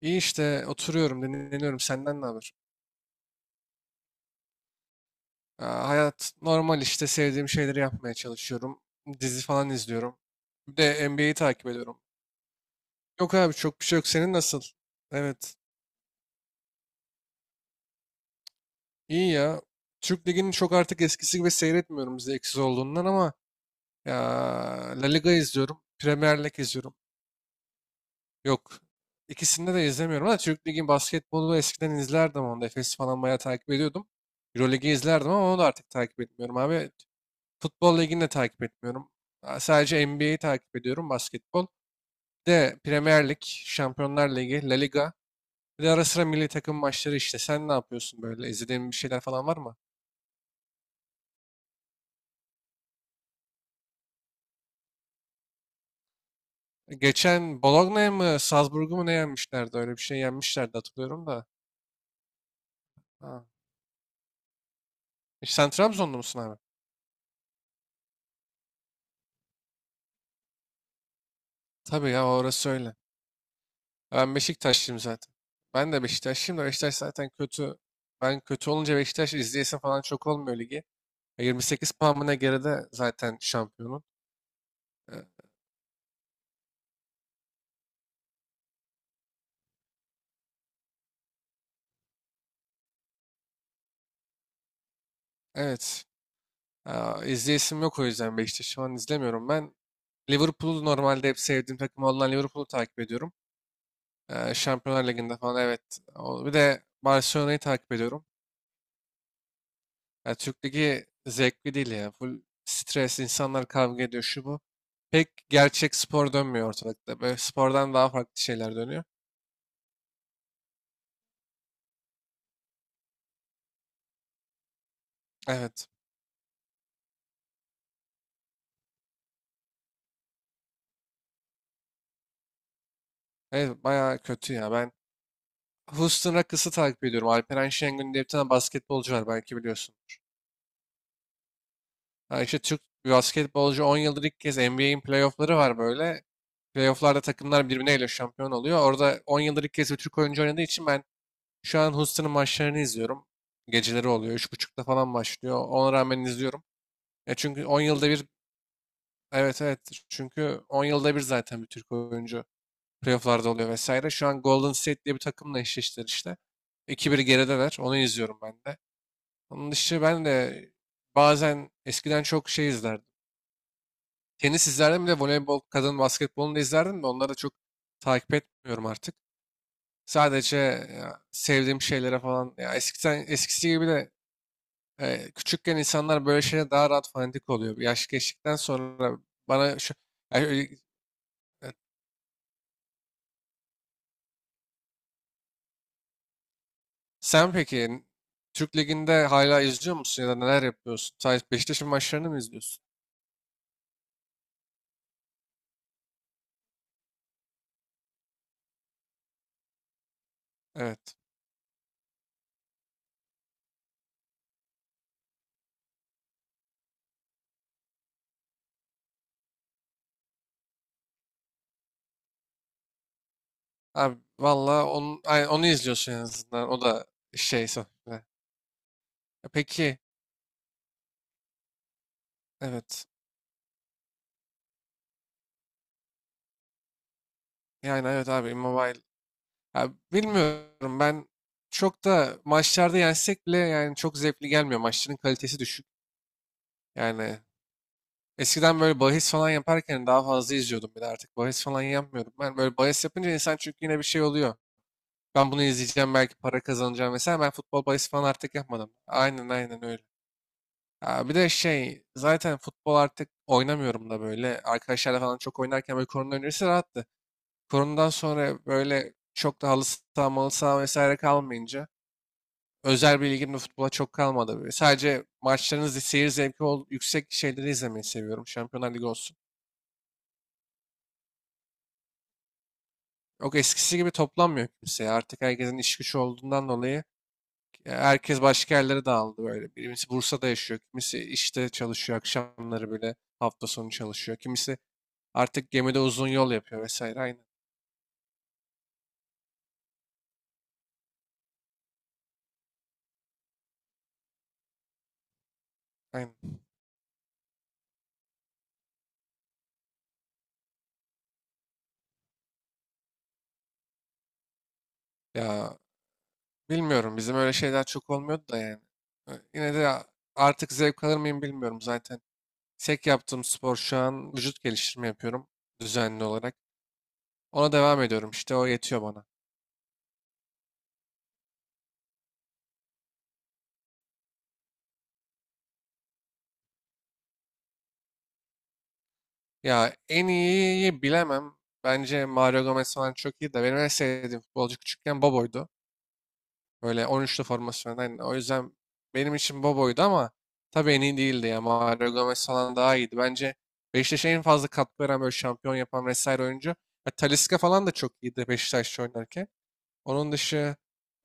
İyi işte oturuyorum, dinleniyorum. Senden ne haber? Aa, hayat normal işte sevdiğim şeyleri yapmaya çalışıyorum. Dizi falan izliyorum. Bir de NBA'yi takip ediyorum. Yok abi, çok bir şey yok. Senin nasıl? Evet. İyi ya. Türk Ligi'ni çok artık eskisi gibi seyretmiyorum, zevksiz olduğundan, ama ya La Liga izliyorum. Premier Lig izliyorum. Yok. İkisini de izlemiyorum ama Türk Ligi'nin basketbolu eskiden izlerdim, onu da. Efes'i falan bayağı takip ediyordum. Euroleague'i izlerdim ama onu da artık takip etmiyorum abi. Futbol ligini de takip etmiyorum. Sadece NBA'yi takip ediyorum, basketbol. Bir de Premier Lig, Şampiyonlar Ligi, La Liga. Bir de ara sıra milli takım maçları işte. Sen ne yapıyorsun böyle? İzlediğin bir şeyler falan var mı? Geçen Bologna'ya mı, Salzburg'u mu ne yenmişlerdi? Öyle bir şey yenmişlerdi, hatırlıyorum da. Ha. E, sen Trabzonlu musun abi? Tabii ya, orası öyle. Ben Beşiktaşlıyım zaten. Ben de Beşiktaşlıyım da Beşiktaş zaten kötü. Ben kötü olunca Beşiktaş izleyesim falan çok olmuyor ligi. E, 28 puan mı ne geride zaten şampiyonun. E, evet. Aa, izleyesim yok, o yüzden Beşiktaş'ı falan izlemiyorum. Ben Liverpool'u normalde, hep sevdiğim takım olan Liverpool'u takip ediyorum. Şampiyonlar Ligi'nde falan, evet. Bir de Barcelona'yı takip ediyorum. Ya Türk Ligi zevkli değil ya. Full stres, insanlar kavga ediyor şu bu. Pek gerçek spor dönmüyor ortalıkta. Böyle spordan daha farklı şeyler dönüyor. Evet. Evet bayağı kötü ya. Ben Houston Rockets'ı takip ediyorum. Alperen Şengün diye bir tane basketbolcu var, belki biliyorsun. Ha işte, Türk bir basketbolcu, 10 yıldır ilk kez NBA'in playoff'ları var böyle. Playoff'larda takımlar birbirleriyle şampiyon oluyor. Orada 10 yıldır ilk kez bir Türk oyuncu oynadığı için ben şu an Houston'ın maçlarını izliyorum. Geceleri oluyor. Üç buçukta falan başlıyor. Ona rağmen izliyorum. Ya çünkü 10 yılda bir, evet evet, çünkü 10 yılda bir zaten bir Türk oyuncu playoff'larda oluyor vesaire. Şu an Golden State diye bir takımla eşleştiler işte. 2-1 gerideler. Onu izliyorum ben de. Onun dışı ben de bazen eskiden çok şey izlerdim. Tenis izlerdim, bir de voleybol, kadın basketbolunu da izlerdim de onları da çok takip etmiyorum artık. Sadece ya, sevdiğim şeylere falan ya, eskiden eskisi gibi de, küçükken insanlar böyle şeye daha rahat fanatik oluyor. Yaş geçtikten sonra bana şu, yani, e, sen peki Türk Ligi'nde hala izliyor musun ya da neler yapıyorsun? Sadece Beşiktaş'ın maçlarını mı izliyorsun? Evet. Abi valla onu, onu izliyorsun en azından. O da şey sonuçta. Ya peki, evet. Yani evet abi Immobile. Ya bilmiyorum, ben çok da maçlarda yensek bile yani çok zevkli gelmiyor. Maçların kalitesi düşük. Yani eskiden böyle bahis falan yaparken daha fazla izliyordum, bir de artık bahis falan yapmıyorum. Ben böyle bahis yapınca insan çünkü yine bir şey oluyor. Ben bunu izleyeceğim belki para kazanacağım, mesela ben futbol bahis falan artık yapmadım. Aynen aynen öyle. Ya bir de şey, zaten futbol artık oynamıyorum da böyle arkadaşlarla falan çok oynarken, böyle korona öncesi rahattı. Koronadan sonra böyle çok da halı saha malı saha vesaire kalmayınca özel bir ilgim de futbola çok kalmadı böyle. Sadece maçlarınızı seyir zevki ol, yüksek şeyleri izlemeyi seviyorum. Şampiyonlar Ligi olsun. Yok eskisi gibi toplanmıyor kimse, ya. Artık herkesin iş gücü olduğundan dolayı herkes başka yerlere dağıldı böyle. Birisi Bursa'da yaşıyor, kimisi işte çalışıyor akşamları, böyle hafta sonu çalışıyor. Kimisi artık gemide uzun yol yapıyor vesaire. Aynen. Aynen. Ya bilmiyorum, bizim öyle şeyler çok olmuyordu da yani. Yine de artık zevk alır mıyım bilmiyorum zaten. Tek yaptığım spor şu an, vücut geliştirme yapıyorum düzenli olarak. Ona devam ediyorum işte, o yetiyor bana. Ya en iyiyi bilemem. Bence Mario Gomez falan çok iyi de benim en sevdiğim futbolcu küçükken Bobo'ydu. Böyle 13'lü formasyondan. O yüzden benim için Bobo'ydu ama tabii en iyi değildi ya. Mario Gomez falan daha iyiydi. Bence Beşiktaş'a en fazla katkı veren, böyle şampiyon yapan vesaire oyuncu. Ya, Talisca falan da çok iyiydi Beşiktaş'ta oynarken. Onun dışı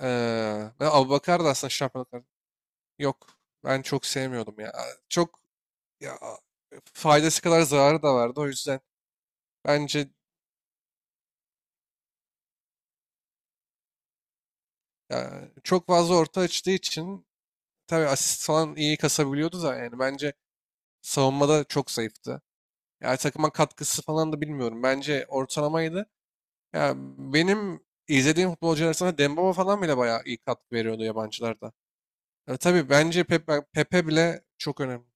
ve Abubakar da aslında şampiyonluk. Yok. Ben çok sevmiyordum ya. Çok ya, faydası kadar zararı da vardı. O yüzden bence ya, çok fazla orta açtığı için, tabii asist falan iyi kasabiliyordu da yani bence savunmada çok zayıftı. Yani takıma katkısı falan da bilmiyorum. Bence ortalamaydı. Ya benim izlediğim futbolcular arasında Dembaba falan bile bayağı iyi katkı veriyordu yabancılarda. Ya, tabii bence Pepe, Pepe bile çok önemli.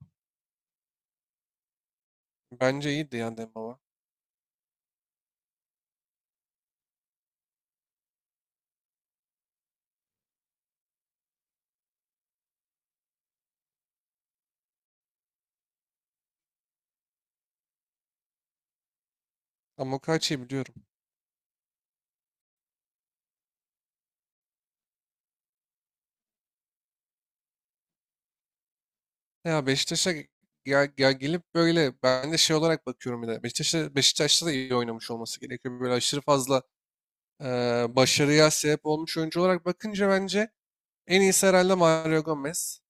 Bence iyiydi yani Dembaba. Ama Okaçi'yi biliyorum. Ya Beşiktaş'a, ya gelip böyle, ben de şey olarak bakıyorum, bir de Beşiktaş'a Beşiktaş'ta da iyi oynamış olması gerekiyor. Böyle aşırı fazla e, başarıya sebep olmuş oyuncu olarak bakınca bence en iyisi herhalde Mario Gomez.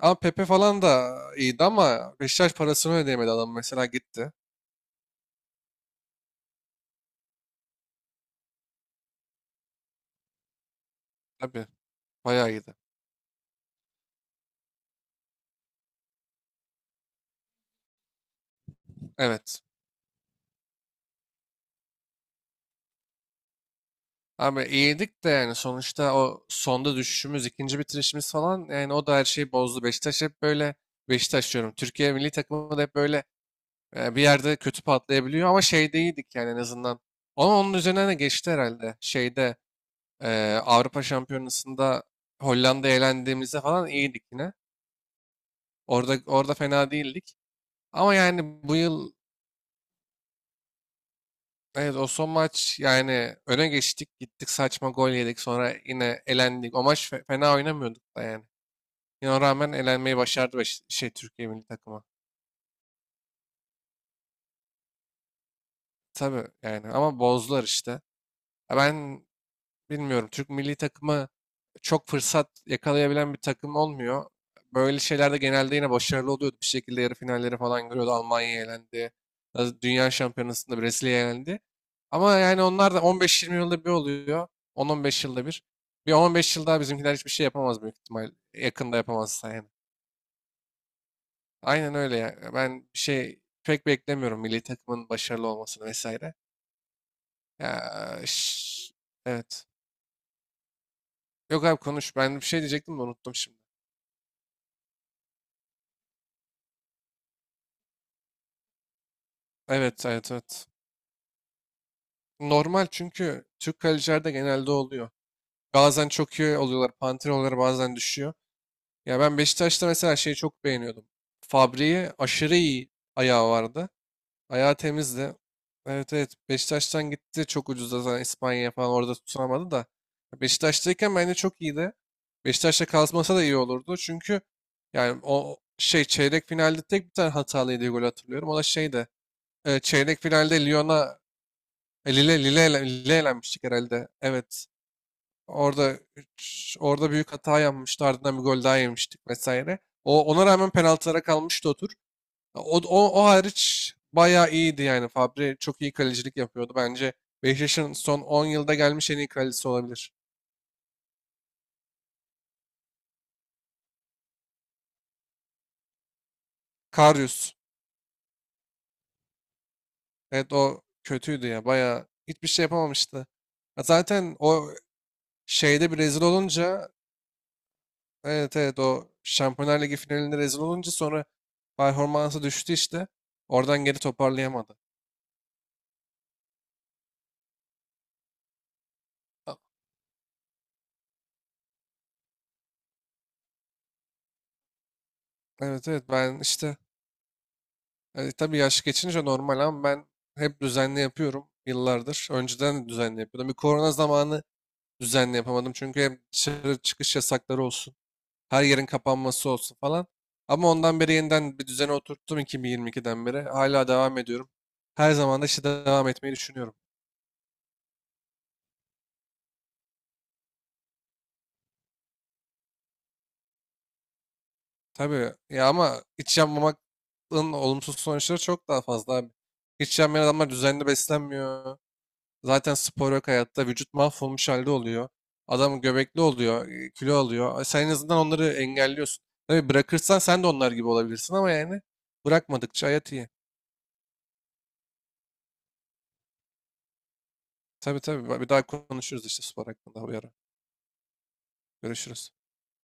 Ama Pepe falan da iyiydi ama Beşiktaş parasını ödeyemedi, adam mesela gitti. Tabii bayağı iyiydi. Evet. Abi iyiydik de yani sonuçta o sonda düşüşümüz, ikinci bitirişimiz falan, yani o da her şeyi bozdu. Beşiktaş hep böyle, Beşiktaş diyorum. Türkiye milli takımı da hep böyle, bir yerde kötü patlayabiliyor ama şeyde iyiydik yani en azından. Ama onun üzerine de geçti herhalde. Şeyde, Avrupa Şampiyonası'nda Hollanda'ya elendiğimizde falan iyiydik yine. Orada orada fena değildik. Ama yani bu yıl, evet, o son maç yani öne geçtik gittik saçma gol yedik sonra yine elendik. O maç fena oynamıyorduk da yani. Yine o rağmen elenmeyi başardı, şey, Türkiye milli takımı. Tabii yani ama bozdular işte. Ya ben bilmiyorum, Türk milli takımı çok fırsat yakalayabilen bir takım olmuyor. Böyle şeylerde genelde yine başarılı oluyordu. Bir şekilde yarı finalleri falan görüyordu. Almanya elendi. Dünya Şampiyonası'nda Brezilya elendi. Ama yani onlar da 15-20 yılda bir oluyor. 10-15 yılda bir. Bir 15 yıl daha bizimkiler hiçbir şey yapamaz, büyük ihtimal. Yakında yapamazsa yani. Aynen öyle ya. Ben bir şey pek beklemiyorum milli takımın başarılı olmasını vesaire. Ya, şş, evet. Yok abi konuş. Ben bir şey diyecektim de unuttum şimdi. Evet, evet, evet. Normal, çünkü Türk kalecilerde genelde oluyor. Bazen çok iyi oluyorlar, panter oluyorlar, bazen düşüyor. Ya ben Beşiktaş'ta mesela şeyi çok beğeniyordum. Fabri'yi, aşırı iyi ayağı vardı. Ayağı temizdi. Evet evet, Beşiktaş'tan gitti çok ucuzda, zaten İspanya'ya falan orada tutunamadı da. Beşiktaş'tayken bence çok iyiydi. Beşiktaş'ta kalmasa da iyi olurdu. Çünkü yani o şey, çeyrek finalde tek bir tane hatalı yediği golü hatırlıyorum. O da şeydi. Çeyrek finalde Lyon'a, Lille, Lille, Lille elenmiştik herhalde. Evet. Orada orada büyük hata yapmıştı. Ardından bir gol daha yemiştik vesaire. O ona rağmen penaltılara kalmıştı o tur. O hariç bayağı iyiydi yani. Fabri çok iyi kalecilik yapıyordu. Bence Beşiktaş'ın son 10 yılda gelmiş en iyi kalecisi olabilir. Karius. Evet o kötüydü ya. Bayağı hiçbir şey yapamamıştı. Ya zaten o şeyde bir rezil olunca, evet evet, o Şampiyonlar Ligi finalinde rezil olunca sonra performansı düştü işte. Oradan geri toparlayamadı. A- Evet evet, ben işte, tabii yaş geçince normal ama ben hep düzenli yapıyorum yıllardır. Önceden de düzenli yapıyordum. Bir korona zamanı düzenli yapamadım. Çünkü hem dışarı çıkış yasakları olsun. Her yerin kapanması olsun falan. Ama ondan beri yeniden bir düzene oturttum 2022'den beri. Hala devam ediyorum. Her zaman da işte devam etmeyi düşünüyorum. Tabii ya, ama hiç yanmamanın olumsuz sonuçları çok daha fazla abi. Hiç yanmayan adamlar düzenli beslenmiyor. Zaten spor yok hayatta. Vücut mahvolmuş halde oluyor. Adam göbekli oluyor, kilo alıyor. Sen en azından onları engelliyorsun. Tabii bırakırsan sen de onlar gibi olabilirsin ama yani bırakmadıkça hayat iyi. Tabii tabii. Bir daha konuşuruz işte spor hakkında bir ara. Görüşürüz.